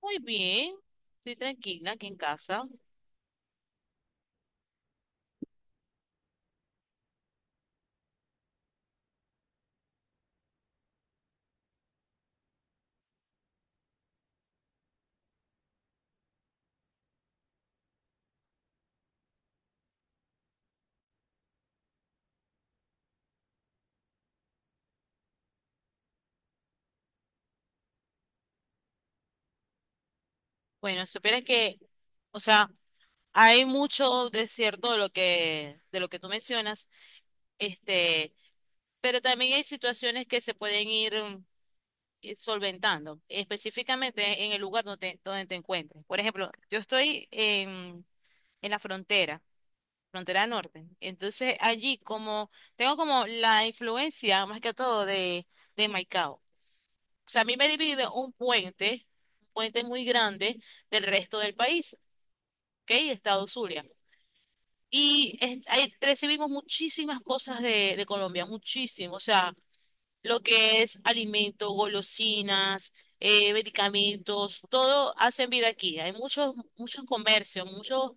Muy bien, estoy tranquila aquí en casa. Bueno, si supieras que, o sea, hay mucho de cierto de lo que tú mencionas, este, pero también hay situaciones que se pueden ir solventando, específicamente en el lugar donde te encuentres. Por ejemplo, yo estoy en la frontera, frontera norte. Entonces, allí como, tengo como la influencia, más que todo, de Maicao. O sea, a mí me divide un puente muy grande del resto del país, ¿ok? Estado Zulia. Y ahí recibimos muchísimas cosas de Colombia, muchísimo. O sea, lo que es alimento, golosinas, medicamentos, todo hacen vida aquí. Hay muchos comercios, muchos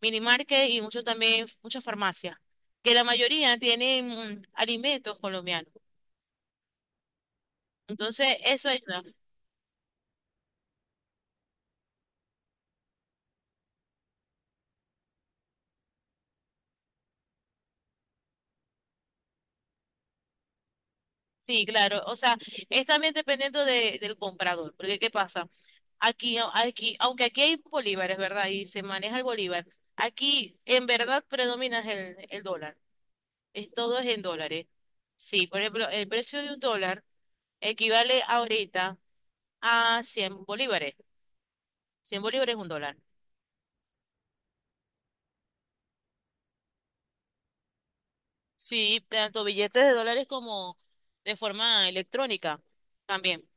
minimarket y muchos también, muchas farmacias, que la mayoría tienen alimentos colombianos. Entonces, eso ayuda. Sí, claro. O sea, es también dependiendo del comprador. Porque, ¿qué pasa? Aunque aquí hay bolívares, ¿verdad? Y se maneja el bolívar. Aquí, en verdad, predomina el dólar. Todo es en dólares. Sí, por ejemplo, el precio de un dólar equivale ahorita a 100 bolívares. 100 bolívares es un dólar. Sí, tanto billetes de dólares como de forma electrónica también.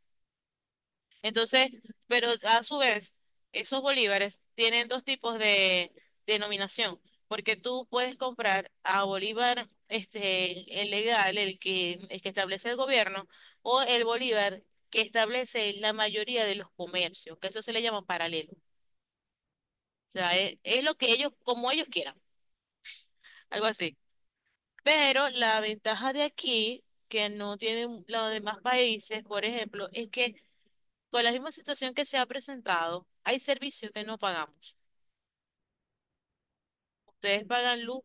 Entonces, pero a su vez, esos bolívares tienen dos tipos de denominación, porque tú puedes comprar a bolívar este el legal, el que establece el gobierno, o el bolívar que establece la mayoría de los comercios, que eso se le llama paralelo. O sea, es lo que ellos, como ellos quieran, algo así. Pero la ventaja de aquí, que no tienen los demás países, por ejemplo, es que con la misma situación que se ha presentado, hay servicios que no pagamos. Ustedes pagan luz,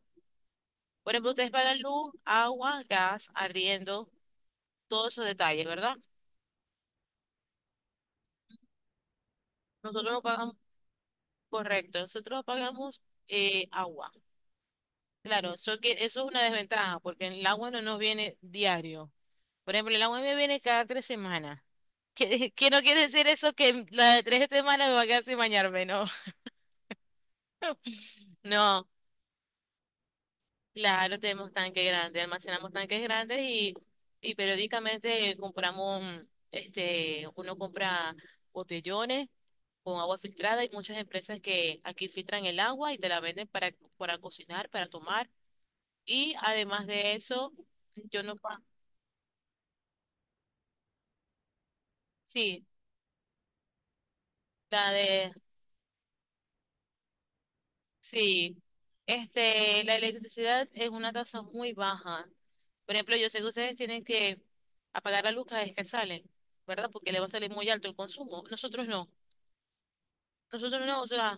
por ejemplo, ustedes pagan luz, agua, gas, arriendo, todos esos detalles, ¿verdad? Nosotros no pagamos, correcto, nosotros pagamos agua. Claro, eso es una desventaja, porque el agua no nos viene diario. Por ejemplo, el agua me viene cada 3 semanas. Que no quiere decir eso que las de 3 semanas me va a quedar sin bañarme, no. No, claro, tenemos tanques grandes, almacenamos tanques grandes y periódicamente compramos, uno compra botellones con agua filtrada. Hay muchas empresas que aquí filtran el agua y te la venden para cocinar, para tomar. Y además de eso, yo no, sí, la de, sí, la electricidad es una tasa muy baja. Por ejemplo, yo sé que ustedes tienen que apagar la luz cada vez que salen, ¿verdad? Porque le va a salir muy alto el consumo. Nosotros no, o sea,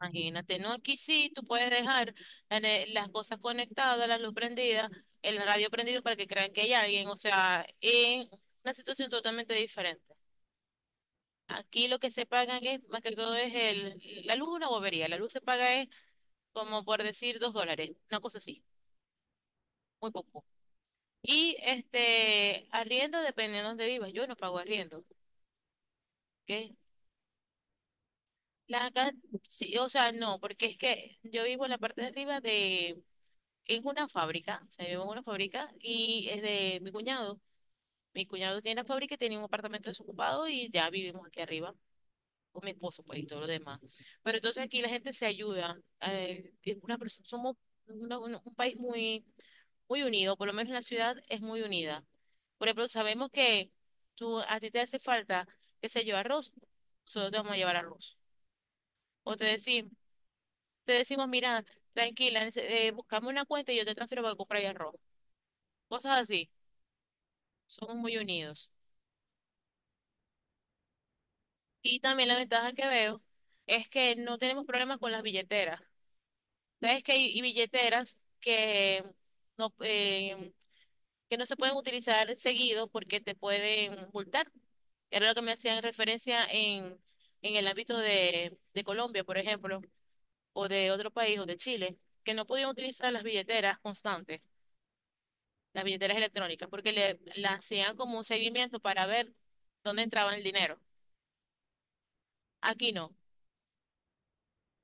imagínate, ¿no? Aquí sí, tú puedes dejar las cosas conectadas, la luz prendida, el radio prendido para que crean que hay alguien, o sea, es una situación totalmente diferente. Aquí lo que se pagan es, más que todo, la luz es una bobería, la luz se paga es como por decir $2, una cosa así. Muy poco. Y arriendo dependiendo de dónde vivas, yo no pago arriendo, ¿ok? Acá, sí, o sea, no, porque es que yo vivo en la parte de arriba de, en una fábrica, o sea, vivo en una fábrica y es de mi cuñado. Mi cuñado tiene la fábrica y tiene un apartamento desocupado y ya vivimos aquí arriba con mi esposo, pues, y todo lo demás. Pero entonces aquí la gente se ayuda. Somos un país muy muy unido, por lo menos en la ciudad es muy unida. Por ejemplo, sabemos que tú, a ti te hace falta, qué sé yo, arroz, nosotros te vamos a llevar arroz. O te decimos, mira, tranquila, buscame una cuenta y yo te transfiero para que compres arroz. Cosas así, somos muy unidos. Y también la ventaja que veo es que no tenemos problemas con las billeteras. Sabes que hay y billeteras no, em, que no se pueden utilizar seguido porque te pueden multar. Era lo que me hacían referencia en el ámbito de Colombia, por ejemplo, o de otro país, o de Chile, que no podían utilizar las billeteras constantes, las billeteras electrónicas, porque la hacían como un seguimiento para ver dónde entraba el dinero. Aquí no.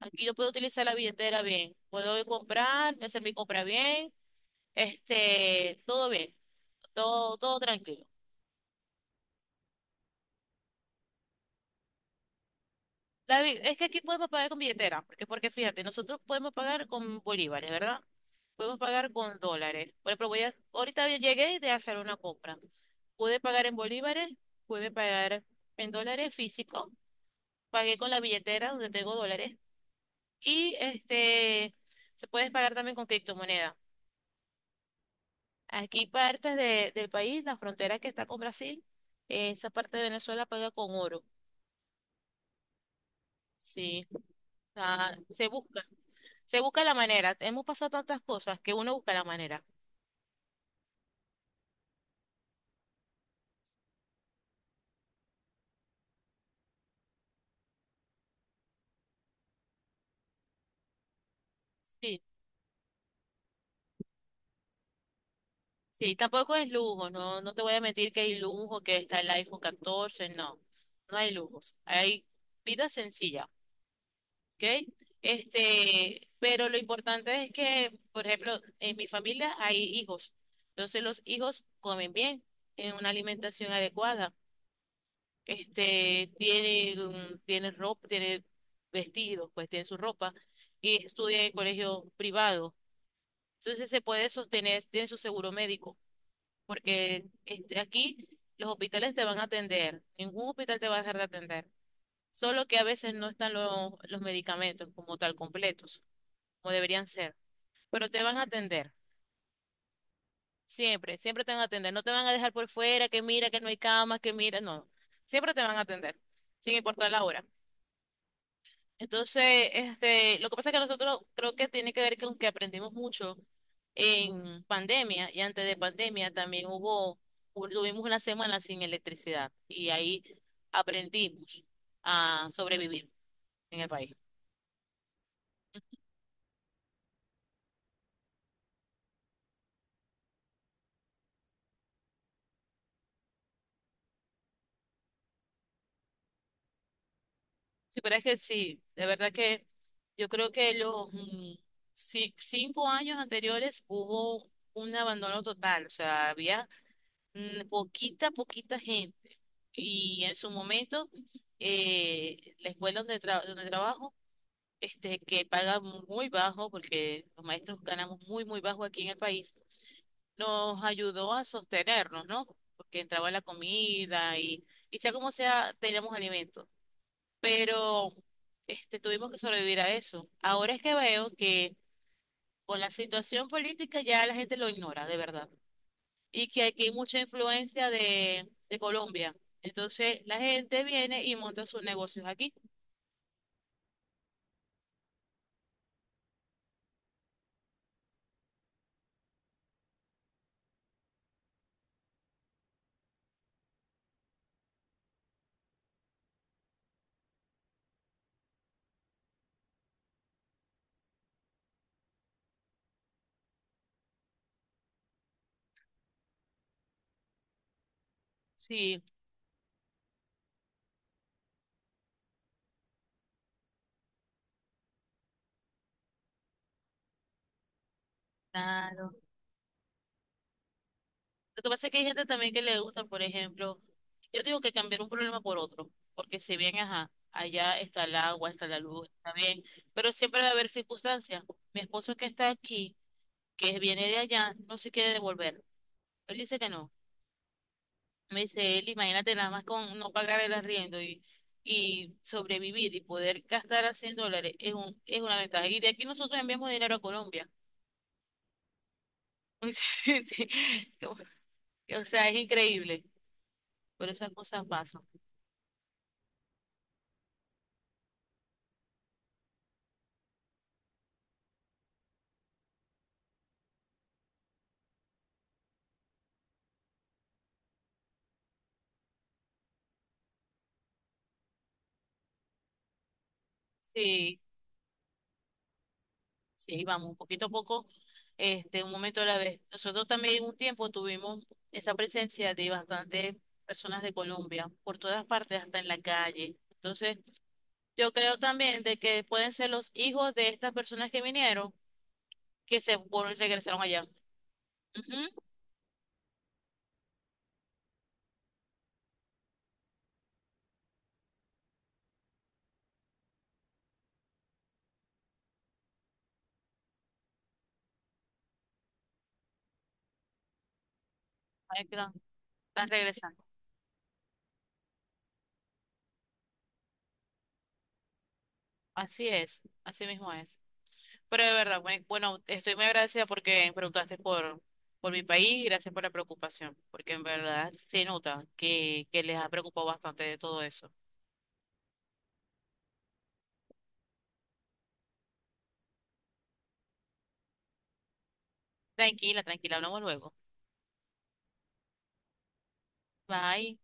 Aquí yo puedo utilizar la billetera bien. Puedo ir a comprar, hacer mi compra bien, todo bien, todo tranquilo. David, es que aquí podemos pagar con billetera, porque fíjate, nosotros podemos pagar con bolívares, ¿verdad? Podemos pagar con dólares. Por ejemplo, ahorita yo llegué de hacer una compra. Pude pagar en bolívares, pude pagar en dólares físicos, pagué con la billetera donde tengo dólares y se puede pagar también con criptomoneda. Aquí partes del país, la frontera que está con Brasil, esa parte de Venezuela paga con oro. Sí, o se busca. Se busca la manera. Hemos pasado tantas cosas que uno busca la manera. Sí, sí, tampoco es lujo, no, no te voy a mentir que hay lujo, que está el iPhone 14 no, no hay lujos, hay vida sencilla, ¿ok? Pero lo importante es que, por ejemplo, en mi familia hay hijos, entonces los hijos comen bien, tienen una alimentación adecuada, tienen ropa, tienen vestidos, pues tienen su ropa y estudian en colegio privado. Entonces se puede sostener, tiene su seguro médico, porque aquí los hospitales te van a atender, ningún hospital te va a dejar de atender, solo que a veces no están los medicamentos como tal completos, como deberían ser, pero te van a atender, siempre, siempre te van a atender, no te van a dejar por fuera, que mira que no hay camas, que mira, no, siempre te van a atender, sin importar la hora. Entonces, lo que pasa es que nosotros creo que tiene que ver con que aprendimos mucho en pandemia y antes de pandemia también tuvimos una semana sin electricidad y ahí aprendimos a sobrevivir en el país. Sí, pero es que sí, de verdad que yo creo que los 5 años anteriores hubo un abandono total, o sea, había poquita, poquita gente. Y en su momento, la escuela donde trabajo, que paga muy bajo, porque los maestros ganamos muy, muy bajo aquí en el país, nos ayudó a sostenernos, ¿no? Porque entraba la comida y sea como sea, teníamos alimentos. Pero tuvimos que sobrevivir a eso. Ahora es que veo que con la situación política ya la gente lo ignora, de verdad y que aquí hay mucha influencia de Colombia. Entonces la gente viene y monta sus negocios aquí. Sí, claro. Lo que pasa es que hay gente también que le gusta, por ejemplo, yo digo que cambiar un problema por otro, porque si bien, ajá, allá está el agua, está la luz, está bien, pero siempre va a haber circunstancias. Mi esposo que está aquí, que viene de allá, no se quiere devolver. Él dice que no. Me dice él, imagínate nada más con no pagar el arriendo y sobrevivir y poder gastar a $100 es una ventaja. Y de aquí nosotros enviamos dinero a Colombia. Sí, sí. Como- O sea, es increíble, pero esas cosas pasan. Sí, sí, vamos, poquito a poco, un momento a la vez. Nosotros también un tiempo tuvimos esa presencia de bastantes personas de Colombia, por todas partes, hasta en la calle. Entonces, yo creo también de que pueden ser los hijos de estas personas que vinieron que regresaron allá. Ujú, ahí quedan, están regresando. Así es, así mismo es. Pero de verdad, bueno, estoy muy agradecida porque preguntaste por mi país y gracias por la preocupación, porque en verdad se nota que les ha preocupado bastante de todo eso. Tranquila, tranquila, hablamos luego. Bye.